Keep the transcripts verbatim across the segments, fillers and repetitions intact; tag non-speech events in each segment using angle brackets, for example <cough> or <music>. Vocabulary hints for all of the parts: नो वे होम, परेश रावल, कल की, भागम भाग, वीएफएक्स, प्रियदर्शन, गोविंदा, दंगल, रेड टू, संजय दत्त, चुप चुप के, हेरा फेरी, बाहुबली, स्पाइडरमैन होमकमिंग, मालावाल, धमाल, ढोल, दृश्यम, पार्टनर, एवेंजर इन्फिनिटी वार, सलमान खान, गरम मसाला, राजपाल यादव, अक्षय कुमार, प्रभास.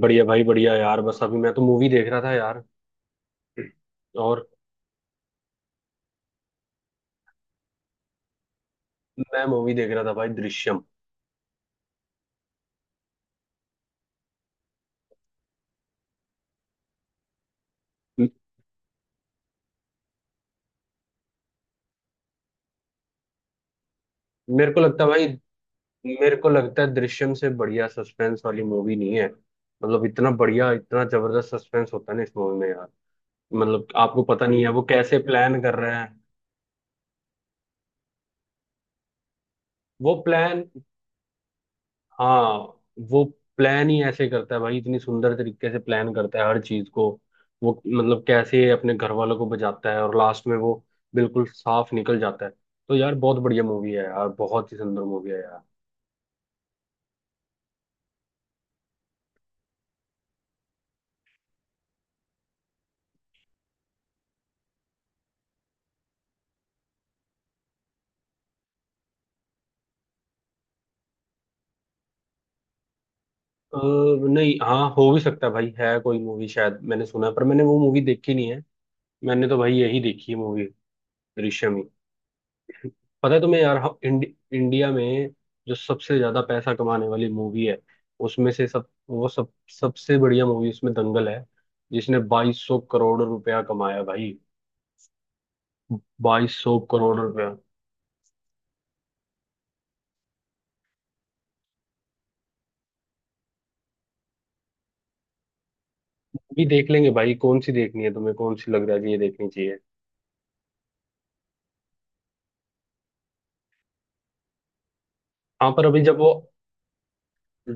बढ़िया भाई, बढ़िया यार। बस अभी मैं तो मूवी देख रहा था यार। और मैं मूवी देख रहा था भाई, दृश्यम। म- मेरे को लगता है भाई, मेरे को लगता है दृश्यम से बढ़िया सस्पेंस वाली मूवी नहीं है। मतलब इतना बढ़िया, इतना जबरदस्त सस्पेंस होता है ना इस मूवी में यार। मतलब आपको पता नहीं है वो कैसे प्लान कर रहे हैं। वो प्लान हाँ वो प्लान ही ऐसे करता है भाई, इतनी सुंदर तरीके से प्लान करता है हर चीज को। वो मतलब कैसे अपने घर वालों को बचाता है, और लास्ट में वो बिल्कुल साफ निकल जाता है। तो यार बहुत बढ़िया मूवी है यार, बहुत ही सुंदर मूवी है यार। अ, नहीं, हाँ हो भी सकता है भाई, है कोई मूवी शायद, मैंने सुना है, पर मैंने वो मूवी देखी नहीं है। मैंने तो भाई यही देखी है मूवी, दृश्यम ही। पता है तुम्हें यार, हम- इंड, इंडिया में जो सबसे ज्यादा पैसा कमाने वाली मूवी है, उसमें से सब वो सब सबसे बढ़िया मूवी उसमें दंगल है, जिसने बाईस सौ करोड़ रुपया कमाया भाई। बाईस सौ करोड़ रुपया। भी देख लेंगे भाई, कौन सी देखनी है तुम्हें, कौन सी लग रहा है कि ये देखनी चाहिए। हाँ पर अभी जब वो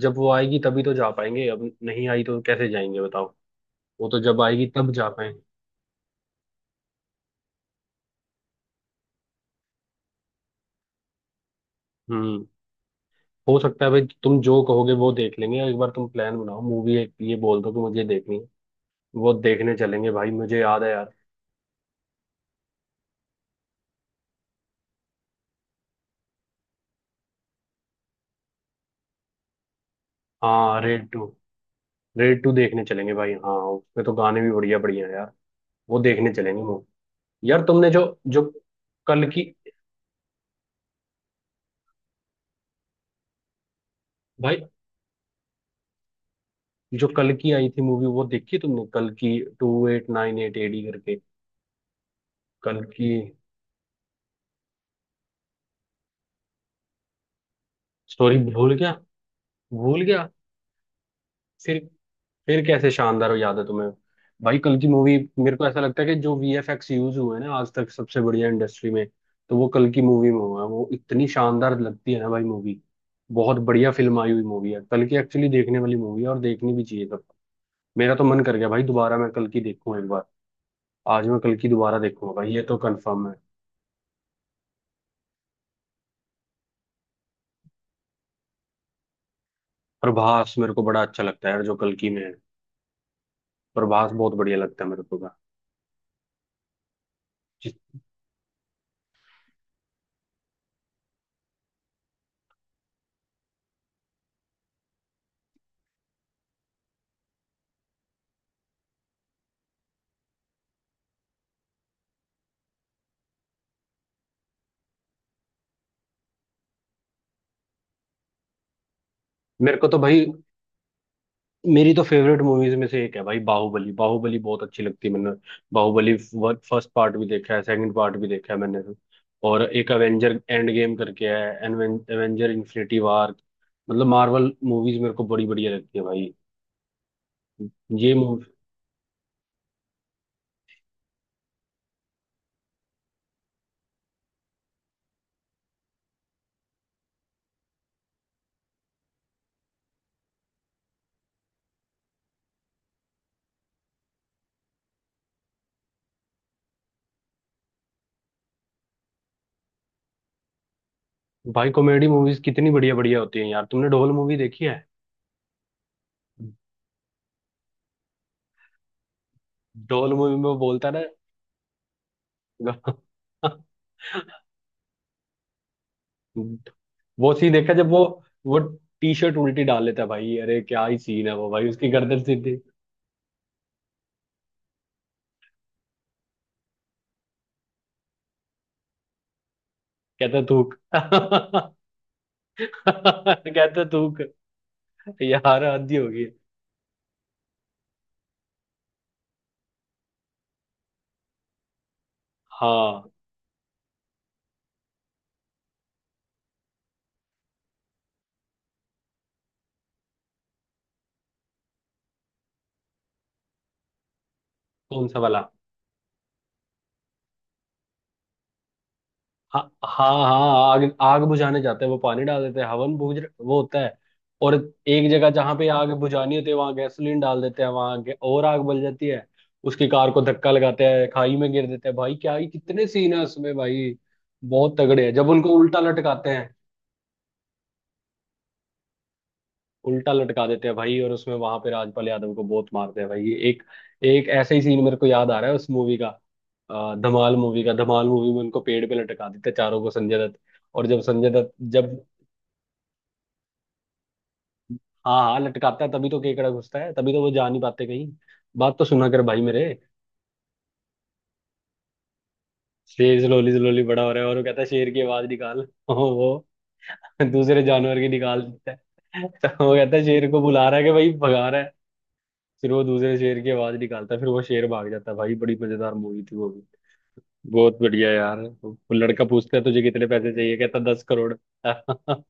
जब वो आएगी तभी तो जा पाएंगे, अब नहीं आई तो कैसे जाएंगे बताओ। वो तो जब आएगी तब जा पाएंगे। हम्म, हो सकता है भाई, तुम जो कहोगे वो देख लेंगे। एक बार तुम प्लान बनाओ मूवी एक, ये बोल दो कि मुझे देखनी है, वो देखने चलेंगे भाई। मुझे याद है यार। हाँ, रेड टू। रेड टू देखने चलेंगे भाई। हाँ उसमें तो गाने भी बढ़िया बढ़िया हैं यार। वो देखने चलेंगे वो। यार तुमने जो जो कल की, भाई जो कल की आई थी मूवी, वो देखी तुमने? कल की, two eight nine eight AD करके। कल की स्टोरी भूल गया? भूल गया? फिर फिर कैसे शानदार याद है तुम्हें? भाई कल की मूवी, मेरे को ऐसा लगता है कि जो वीएफएक्स यूज हुए हैं ना आज तक सबसे बढ़िया इंडस्ट्री में, तो वो कल की मूवी में हुआ है। वो इतनी शानदार लगती है ना भाई मूवी। बहुत बढ़िया फिल्म आई हुई, मूवी है कल की। एक्चुअली देखने वाली मूवी है, और देखनी भी चाहिए सबको। मेरा तो मन कर गया भाई दोबारा मैं कल की देखूं एक बार। आज मैं कल की दोबारा देखूंगा भाई, ये तो कंफर्म है। प्रभास मेरे को बड़ा अच्छा लगता है यार, जो कल की में है। प्रभास बहुत बढ़िया लगता है मेरे को का। जिस- मेरे को तो भाई, मेरी तो फेवरेट मूवीज में से एक है भाई, बाहुबली। बाहुबली बहुत अच्छी लगती है। मैंने बाहुबली फर्स्ट पार्ट भी देखा है, सेकंड पार्ट भी देखा है मैंने। और एक एवेंजर एंड गेम करके है, एवेंजर इन्फिनिटी वार। मतलब मार्वल मूवीज मेरे को बड़ी बढ़िया लगती है भाई। ये मूवी। भाई कॉमेडी मूवीज कितनी बढ़िया बढ़िया होती है यार। तुमने ढोल मूवी देखी है? ढोल मूवी में वो बोलता है ना। <laughs> वो सीन देखा जब वो वो टी शर्ट उल्टी डाल लेता है भाई, अरे क्या ही सीन है वो भाई, उसकी गर्दन सीधी। कहता थूक। <laughs> कहता थूक। यार हद ही होगी। हाँ, कौन सा वाला? हाँ हाँ हाँ, आग आग बुझाने जाते हैं वो, पानी डाल देते हैं, हवन बुझ वो होता है। और एक जगह जहां पे आग बुझानी होती है वहां गैसोलीन डाल देते हैं, वहां गे- और आग बल जाती है। उसकी कार को धक्का लगाते हैं, खाई में गिर देते हैं भाई। क्या ही कितने सीन है उसमें भाई, बहुत तगड़े हैं। जब उनको उल्टा लटकाते हैं, उल्टा लटका देते हैं भाई, और उसमें वहां पे राजपाल यादव को बहुत मारते हैं भाई। ये एक एक ऐसा ही सीन मेरे को याद आ रहा है उस मूवी का। अ, धमाल मूवी का, धमाल मूवी में उनको पेड़ पे लटका देते हैं चारों को, संजय दत्त। और जब संजय दत्त जब, हाँ हाँ लटकाता है, तभी तो केकड़ा घुसता है, तभी तो वो जा नहीं पाते कहीं। बात तो सुना कर भाई मेरे। शेर जलोली जलोली बड़ा हो रहा है, और वो कहता है शेर की आवाज निकाल। <laughs> और वो दूसरे जानवर की निकाल देता है। <laughs> तो वो कहता है शेर को बुला रहा है कि भाई भगा रहा है। फिर वो दूसरे शेर की आवाज निकालता है, फिर वो शेर भाग जाता है भाई। बड़ी मजेदार मूवी थी वो भी। बहुत बढ़िया यार। वो लड़का पूछता है तुझे कितने पैसे चाहिए, कहता दस करोड़। <laughs>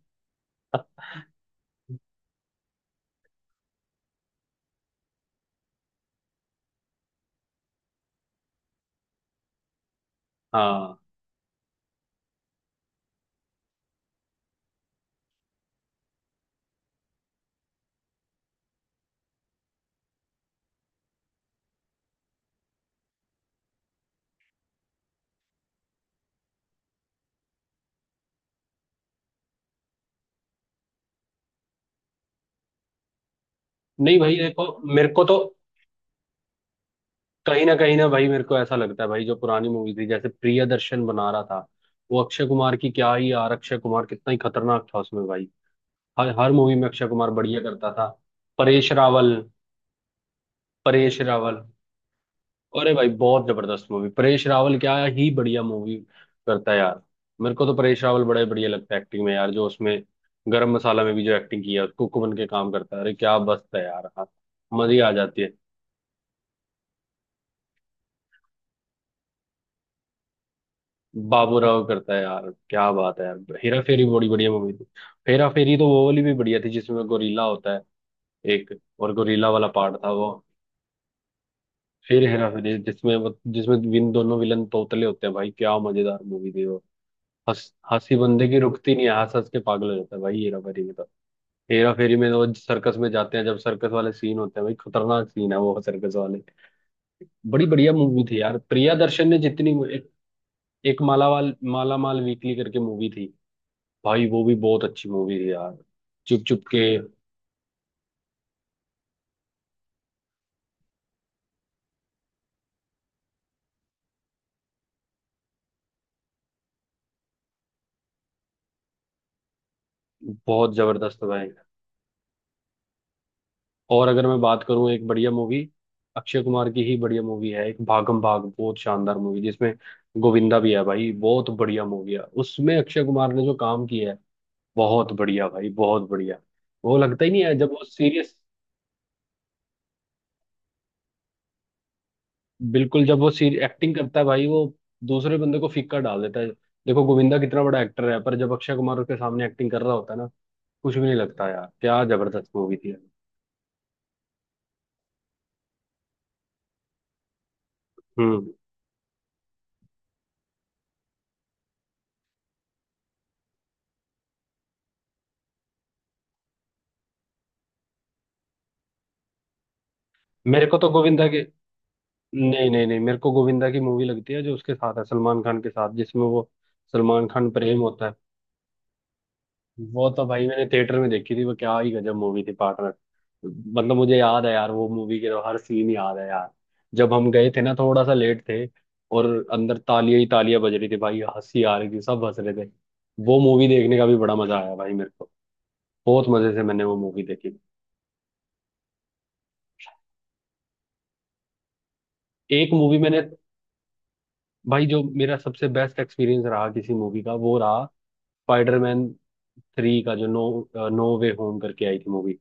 हाँ। नहीं भाई देखो, मेरे को तो कहीं ना कहीं ना भाई, मेरे को ऐसा लगता है भाई, जो पुरानी मूवी थी जैसे प्रियदर्शन बना रहा था, वो अक्षय कुमार की। क्या ही यार, अक्षय कुमार कितना ही खतरनाक था उसमें भाई। हर हर मूवी में अक्षय कुमार बढ़िया करता था। परेश रावल। परेश रावल अरे भाई बहुत जबरदस्त मूवी, परेश रावल क्या ही बढ़िया मूवी करता है यार। मेरे को तो परेश रावल बड़ा ही बढ़िया लगता है एक्टिंग में यार, जो उसमें गरम मसाला में भी जो एक्टिंग किया, कुक बन के काम करता है, अरे क्या मस्त है यार। हाँ, मजी आ जाती है। बाबूराव करता है यार, क्या बात है यार, हेरा फेरी बड़ी बढ़िया मूवी थी। हेरा फेरी तो वो वाली भी बढ़िया थी जिसमें गोरीला होता है, एक। और गोरीला वाला पार्ट था वो। फिर हेरा फेरी, जिसमें वो- जिसमें विन दोनों विलन तोतले होते हैं भाई, क्या मजेदार मूवी थी वो। हंस हंसी बंदे की रुकती नहीं है, हंस हंस के पागल हो जाता है भाई हेरा फेरी में तो। हेरा फेरी में तो वो सर्कस में जाते हैं, जब सर्कस वाले सीन होते हैं भाई, खतरनाक सीन है वो सर्कस वाले। बड़ी बढ़िया मूवी थी यार, प्रिया दर्शन ने जितनी एक, एक मालावाल माला माल वीकली करके मूवी थी, भाई वो भी बहुत अच्छी मूवी थी यार। चुप चुप के, बहुत जबरदस्त भाई। और अगर मैं बात करूं एक बढ़िया मूवी, अक्षय कुमार की ही बढ़िया मूवी है एक, भागम भाग। बहुत शानदार मूवी, जिसमें गोविंदा भी है भाई। बहुत बढ़िया मूवी है, उसमें अक्षय कुमार ने जो काम किया है, बहुत बढ़िया भाई, बहुत बढ़िया। वो लगता ही नहीं है जब वो सीरियस, बिल्कुल, जब वो सीरियस एक्टिंग करता है भाई, वो दूसरे बंदे को फीका डाल देता है। देखो गोविंदा कितना बड़ा एक्टर है, पर जब अक्षय कुमार उसके सामने एक्टिंग कर रहा होता है ना, कुछ भी नहीं लगता यार। क्या जबरदस्त मूवी थी यार। हम्म, मेरे को तो गोविंदा के, नहीं नहीं नहीं, मेरे को गोविंदा की मूवी लगती है जो उसके साथ है, सलमान खान के साथ, जिसमें वो सलमान खान प्रेम होता है। वो तो भाई मैंने थिएटर में देखी थी, वो क्या ही गजब मूवी थी पार्टनर। मतलब मुझे याद है यार, वो मूवी के तो हर सीन याद है यार। जब हम गए थे ना थोड़ा सा लेट थे, और अंदर तालियां ही तालियां बज रही थी भाई, हंसी आ रही थी, सब हंस रहे थे। वो मूवी देखने का भी बड़ा मजा आया भाई मेरे को, बहुत मजे से मैंने वो मूवी देखी। एक मूवी मैंने, भाई जो मेरा सबसे बेस्ट एक्सपीरियंस रहा किसी मूवी का, वो रहा स्पाइडरमैन थ्री का, जो नो नो वे होम करके आई थी मूवी।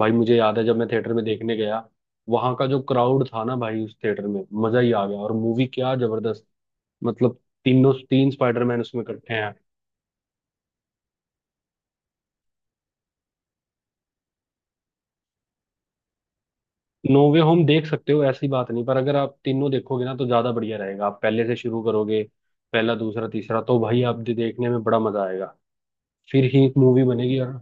भाई मुझे याद है जब मैं थिएटर में देखने गया, वहां का जो क्राउड था ना भाई, उस थिएटर में मजा ही आ गया। और मूवी क्या जबरदस्त, मतलब तीनों, तीन स्पाइडरमैन उसमें इकट्ठे हैं। नो वे होम देख सकते हो, ऐसी बात नहीं, पर अगर आप तीनों देखोगे ना तो ज्यादा बढ़िया रहेगा, आप पहले से शुरू करोगे। पहला, दूसरा, तीसरा, तो भाई आप दे- देखने में बड़ा मजा आएगा, फिर ही मूवी बनेगी यार।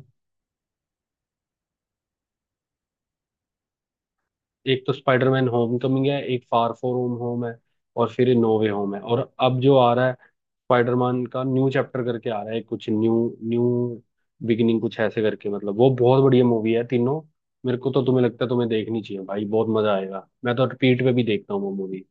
एक तो स्पाइडरमैन होमकमिंग है, एक फार फोर होम होम है, और फिर नो वे होम है। और अब जो आ रहा है स्पाइडरमैन का, न्यू चैप्टर करके आ रहा है कुछ, न्यू न्यू बिगिनिंग कुछ ऐसे करके। मतलब वो बहुत बढ़िया मूवी है तीनों, मेरे को तो। तुम्हें लगता है तुम्हें देखनी चाहिए भाई, बहुत मजा आएगा। मैं तो रिपीट पे भी देखता हूँ वो मूवी।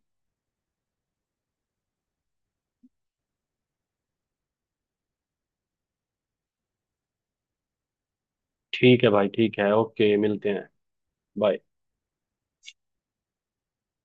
ठीक है भाई, ठीक है, ओके, मिलते हैं। बाय।